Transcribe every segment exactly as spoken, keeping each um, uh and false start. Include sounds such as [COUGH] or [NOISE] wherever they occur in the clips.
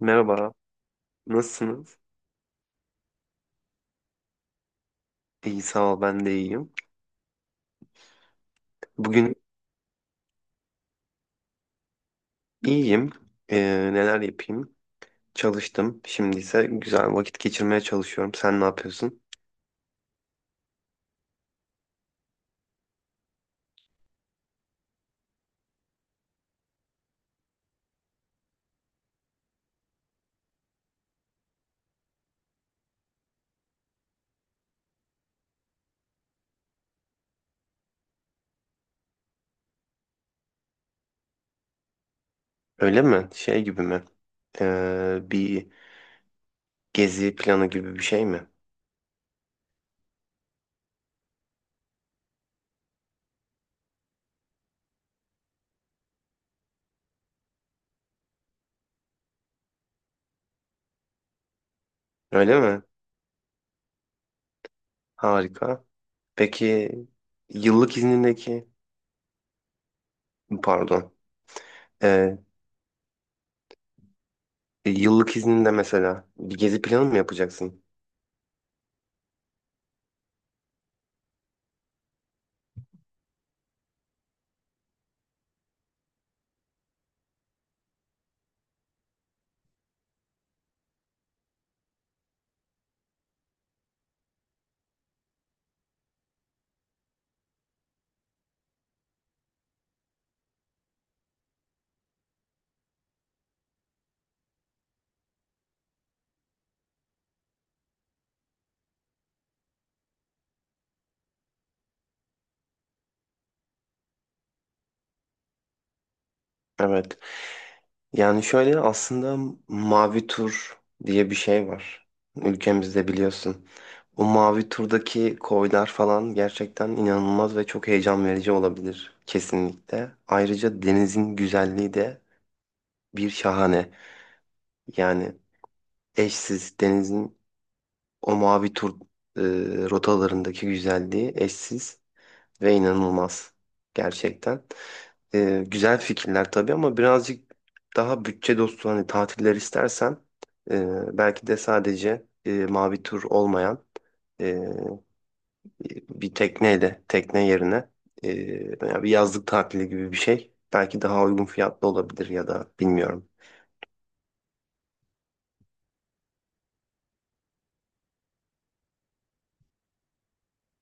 Merhaba, nasılsınız? İyi sağ ol, ben de iyiyim. Bugün iyiyim. Ee, neler yapayım? Çalıştım. Şimdi ise güzel vakit geçirmeye çalışıyorum. Sen ne yapıyorsun? Öyle mi? Şey gibi mi? Ee, bir gezi planı gibi bir şey mi? Öyle mi? Harika. Peki yıllık iznindeki, pardon, Ee, yıllık izninde mesela bir gezi planı mı yapacaksın? Evet. Yani şöyle aslında mavi tur diye bir şey var. Ülkemizde biliyorsun. O mavi turdaki koylar falan gerçekten inanılmaz ve çok heyecan verici olabilir kesinlikle. Ayrıca denizin güzelliği de bir şahane. Yani eşsiz denizin o mavi tur e, rotalarındaki güzelliği eşsiz ve inanılmaz gerçekten. Ee, güzel fikirler tabii ama birazcık daha bütçe dostu hani tatiller istersen e, belki de sadece e, mavi tur olmayan e, bir tekneyle tekne yerine e, yani bir yazlık tatili gibi bir şey belki daha uygun fiyatlı olabilir ya da bilmiyorum.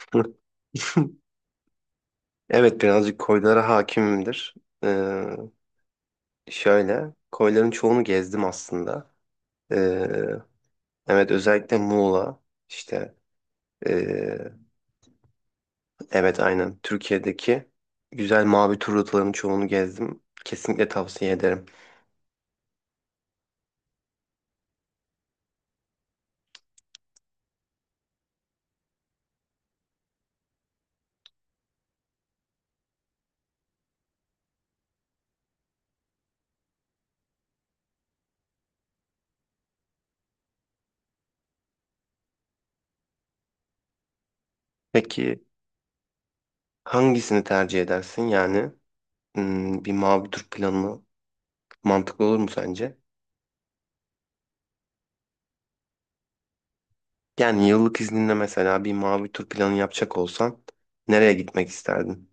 [LAUGHS] Evet birazcık koylara hakimimdir. Ee, şöyle koyların çoğunu gezdim aslında. Ee, evet özellikle Muğla işte e, Evet aynen. Türkiye'deki güzel mavi tur rotalarının çoğunu gezdim. Kesinlikle tavsiye ederim. Peki hangisini tercih edersin? Yani hmm, bir mavi tur planı mantıklı olur mu sence? Yani yıllık izninle mesela bir mavi tur planı yapacak olsan nereye gitmek isterdin?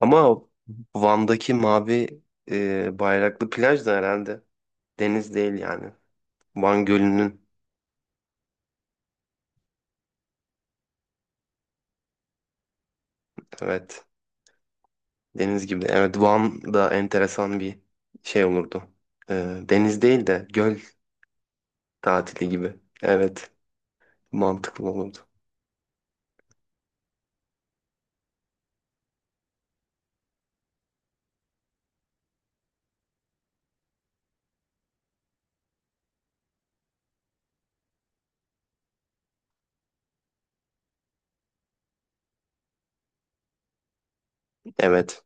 Ama o Van'daki mavi e, bayraklı plaj da herhalde deniz değil yani. Van Gölü'nün evet. Deniz gibi. Evet, Van da enteresan bir şey olurdu. Ee, deniz değil de göl tatili gibi. Evet, mantıklı olurdu. Evet.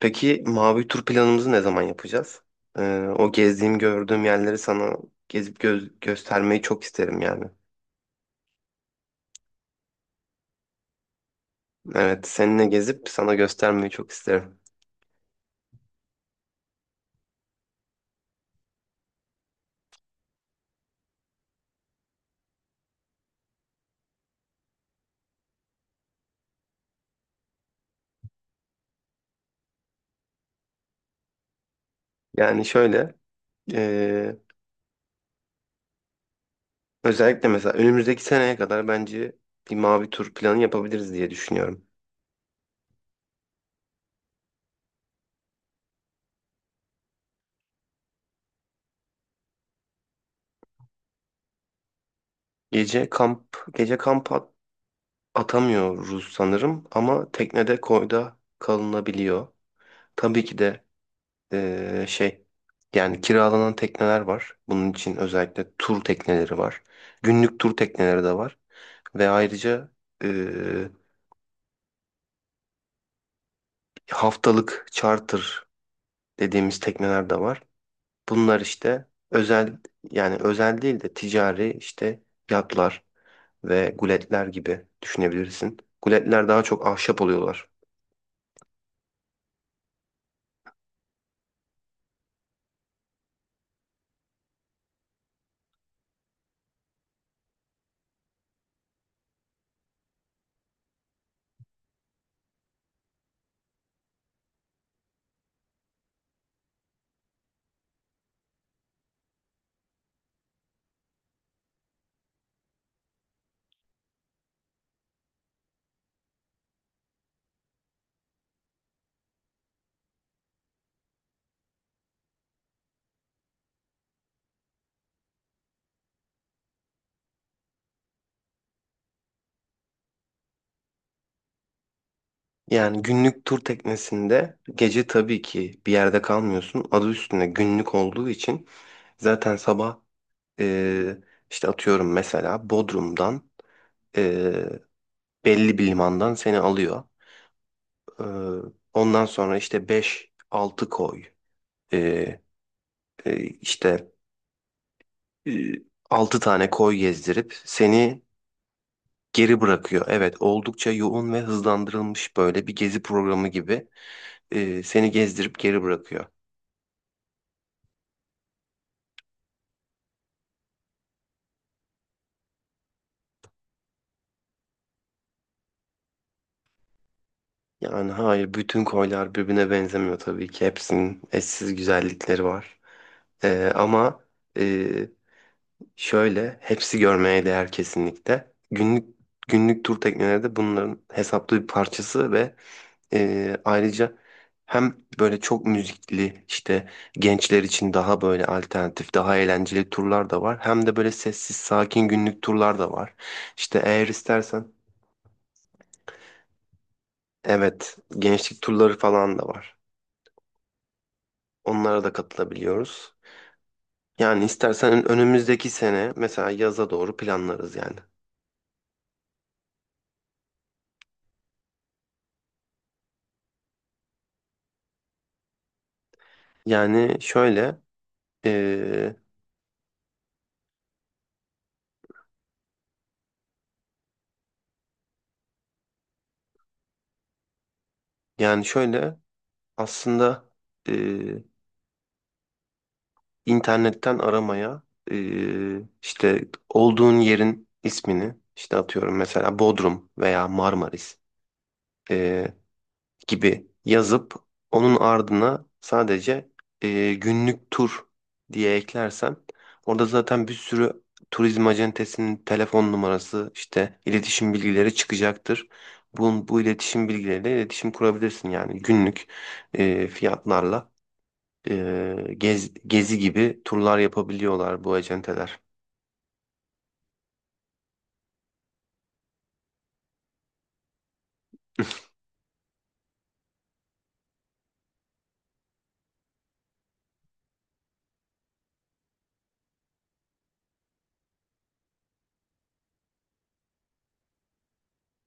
Peki mavi tur planımızı ne zaman yapacağız? Ee, o gezdiğim, gördüğüm yerleri sana gezip göz göstermeyi çok isterim yani. Evet, seninle gezip sana göstermeyi çok isterim. Yani şöyle, ee, özellikle mesela önümüzdeki seneye kadar bence bir mavi tur planı yapabiliriz diye düşünüyorum. Gece kamp, gece kamp at- atamıyoruz sanırım ama teknede koyda kalınabiliyor. Tabii ki de eee, şey yani kiralanan tekneler var. Bunun için özellikle tur tekneleri var. Günlük tur tekneleri de var. Ve ayrıca eee, haftalık charter dediğimiz tekneler de var. Bunlar işte özel yani özel değil de ticari işte yatlar ve guletler gibi düşünebilirsin. Guletler daha çok ahşap oluyorlar. Yani günlük tur teknesinde gece tabii ki bir yerde kalmıyorsun. Adı üstünde günlük olduğu için zaten sabah e, işte atıyorum mesela Bodrum'dan belli bir limandan seni alıyor. Ee, ondan sonra işte beş-altı koy ee, e, işte e, altı tane koy gezdirip seni geri bırakıyor. Evet oldukça yoğun ve hızlandırılmış böyle bir gezi programı gibi ee, seni gezdirip geri bırakıyor. Yani hayır bütün koylar birbirine benzemiyor tabii ki hepsinin eşsiz güzellikleri var. Ee, ama e, Şöyle, hepsi görmeye değer kesinlikle. Günlük günlük tur tekneleri de bunların hesaplı bir parçası ve e, ayrıca hem böyle çok müzikli işte gençler için daha böyle alternatif, daha eğlenceli turlar da var. Hem de böyle sessiz, sakin günlük turlar da var. İşte eğer istersen evet, gençlik turları falan da var. Onlara da katılabiliyoruz. Yani istersen önümüzdeki sene mesela yaza doğru planlarız yani. Yani şöyle e, Yani şöyle aslında e, internetten aramaya e, işte olduğun yerin ismini işte atıyorum mesela Bodrum veya Marmaris e, gibi yazıp onun ardına sadece e, günlük tur diye eklersem orada zaten bir sürü turizm acentesinin telefon numarası işte iletişim bilgileri çıkacaktır. Bu, bu iletişim bilgileriyle iletişim kurabilirsin yani günlük e, fiyatlarla. E, gez- gezi gibi turlar yapabiliyorlar bu acenteler.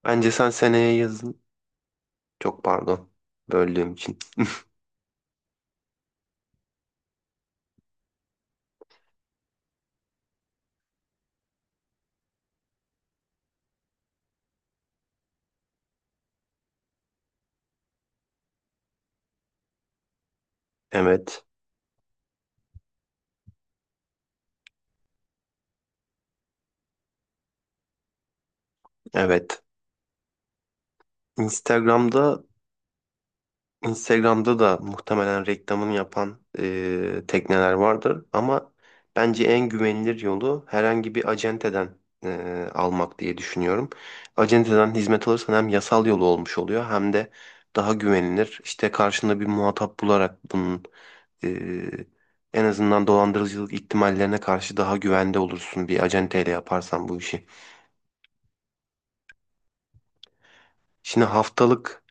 Bence sen seneye yazın. Çok pardon. Böldüğüm için. [LAUGHS] Evet. Evet. Instagram'da Instagram'da da muhtemelen reklamını yapan e, tekneler vardır ama bence en güvenilir yolu herhangi bir acenteden e, almak diye düşünüyorum. Acenteden hizmet alırsan hem yasal yolu olmuş oluyor hem de daha güvenilir. İşte karşında bir muhatap bularak bunun Ee, en azından dolandırıcılık ihtimallerine karşı daha güvende olursun bir acenteyle yaparsan bu işi. Şimdi haftalık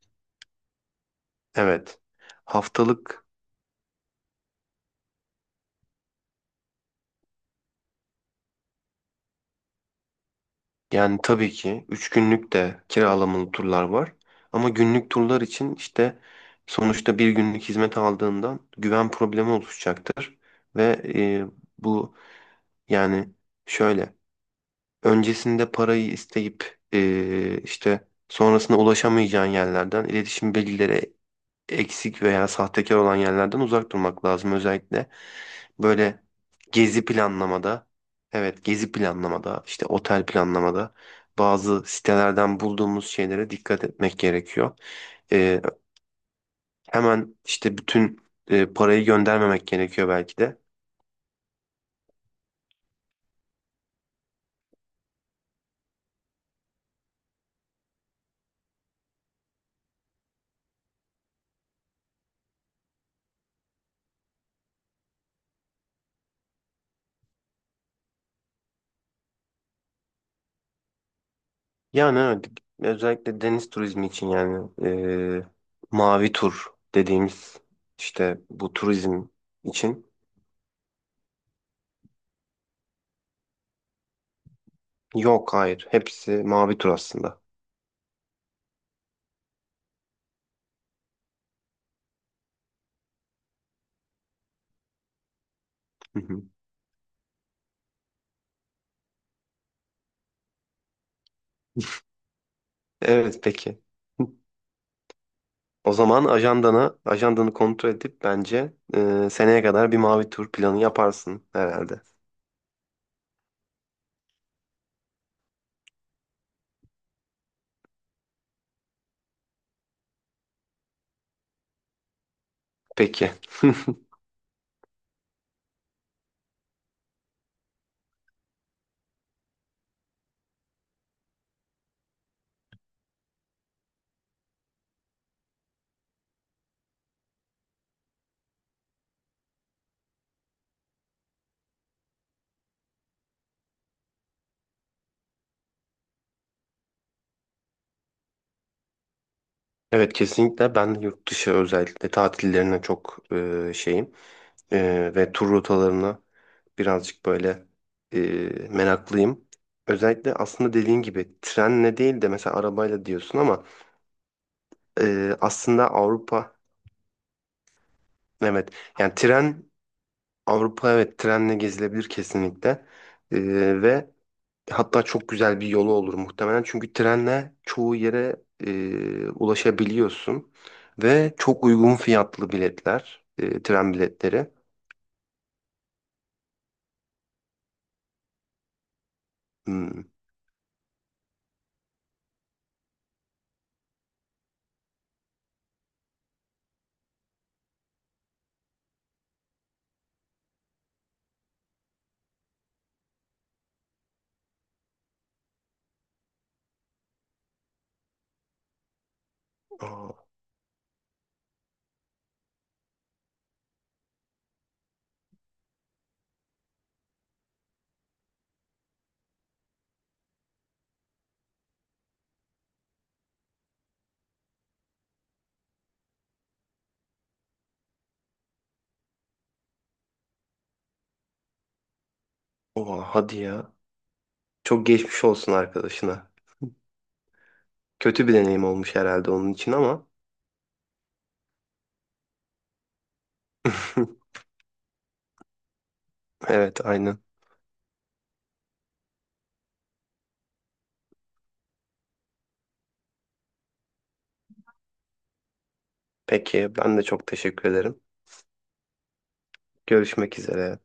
evet haftalık Yani tabii ki üç günlük de kiralamalı turlar var. Ama günlük turlar için işte sonuçta bir günlük hizmet aldığından güven problemi oluşacaktır. Ve e, bu Yani şöyle öncesinde parayı isteyip e, işte sonrasında ulaşamayacağın yerlerden iletişim bilgileri eksik veya sahtekar olan yerlerden uzak durmak lazım. Özellikle böyle gezi planlamada, evet gezi planlamada, işte otel planlamada bazı sitelerden bulduğumuz şeylere dikkat etmek gerekiyor. Ee, hemen işte bütün e, parayı göndermemek gerekiyor belki de. Yani evet, özellikle deniz turizmi için yani eee, mavi tur dediğimiz işte bu turizm için yok hayır hepsi mavi tur aslında. Hı hı. Evet peki. O zaman ajandana ajandanı kontrol edip bence eee, seneye kadar bir mavi tur planı yaparsın herhalde. Peki. [LAUGHS] Evet kesinlikle ben yurt dışı özellikle tatillerine çok e, şeyim. E, ve tur rotalarına birazcık böyle e, meraklıyım. Özellikle aslında dediğin gibi trenle değil de mesela arabayla diyorsun ama e, aslında Avrupa evet yani tren Avrupa evet trenle gezilebilir kesinlikle. E, ve hatta çok güzel bir yolu olur muhtemelen çünkü trenle çoğu yere e, ulaşabiliyorsun ve çok uygun fiyatlı biletler, e, tren biletleri. Hmm. Aa, oha, hadi ya, çok geçmiş olsun arkadaşına. Kötü bir deneyim olmuş herhalde onun için ama [LAUGHS] evet aynen. Peki ben de çok teşekkür ederim. Görüşmek üzere.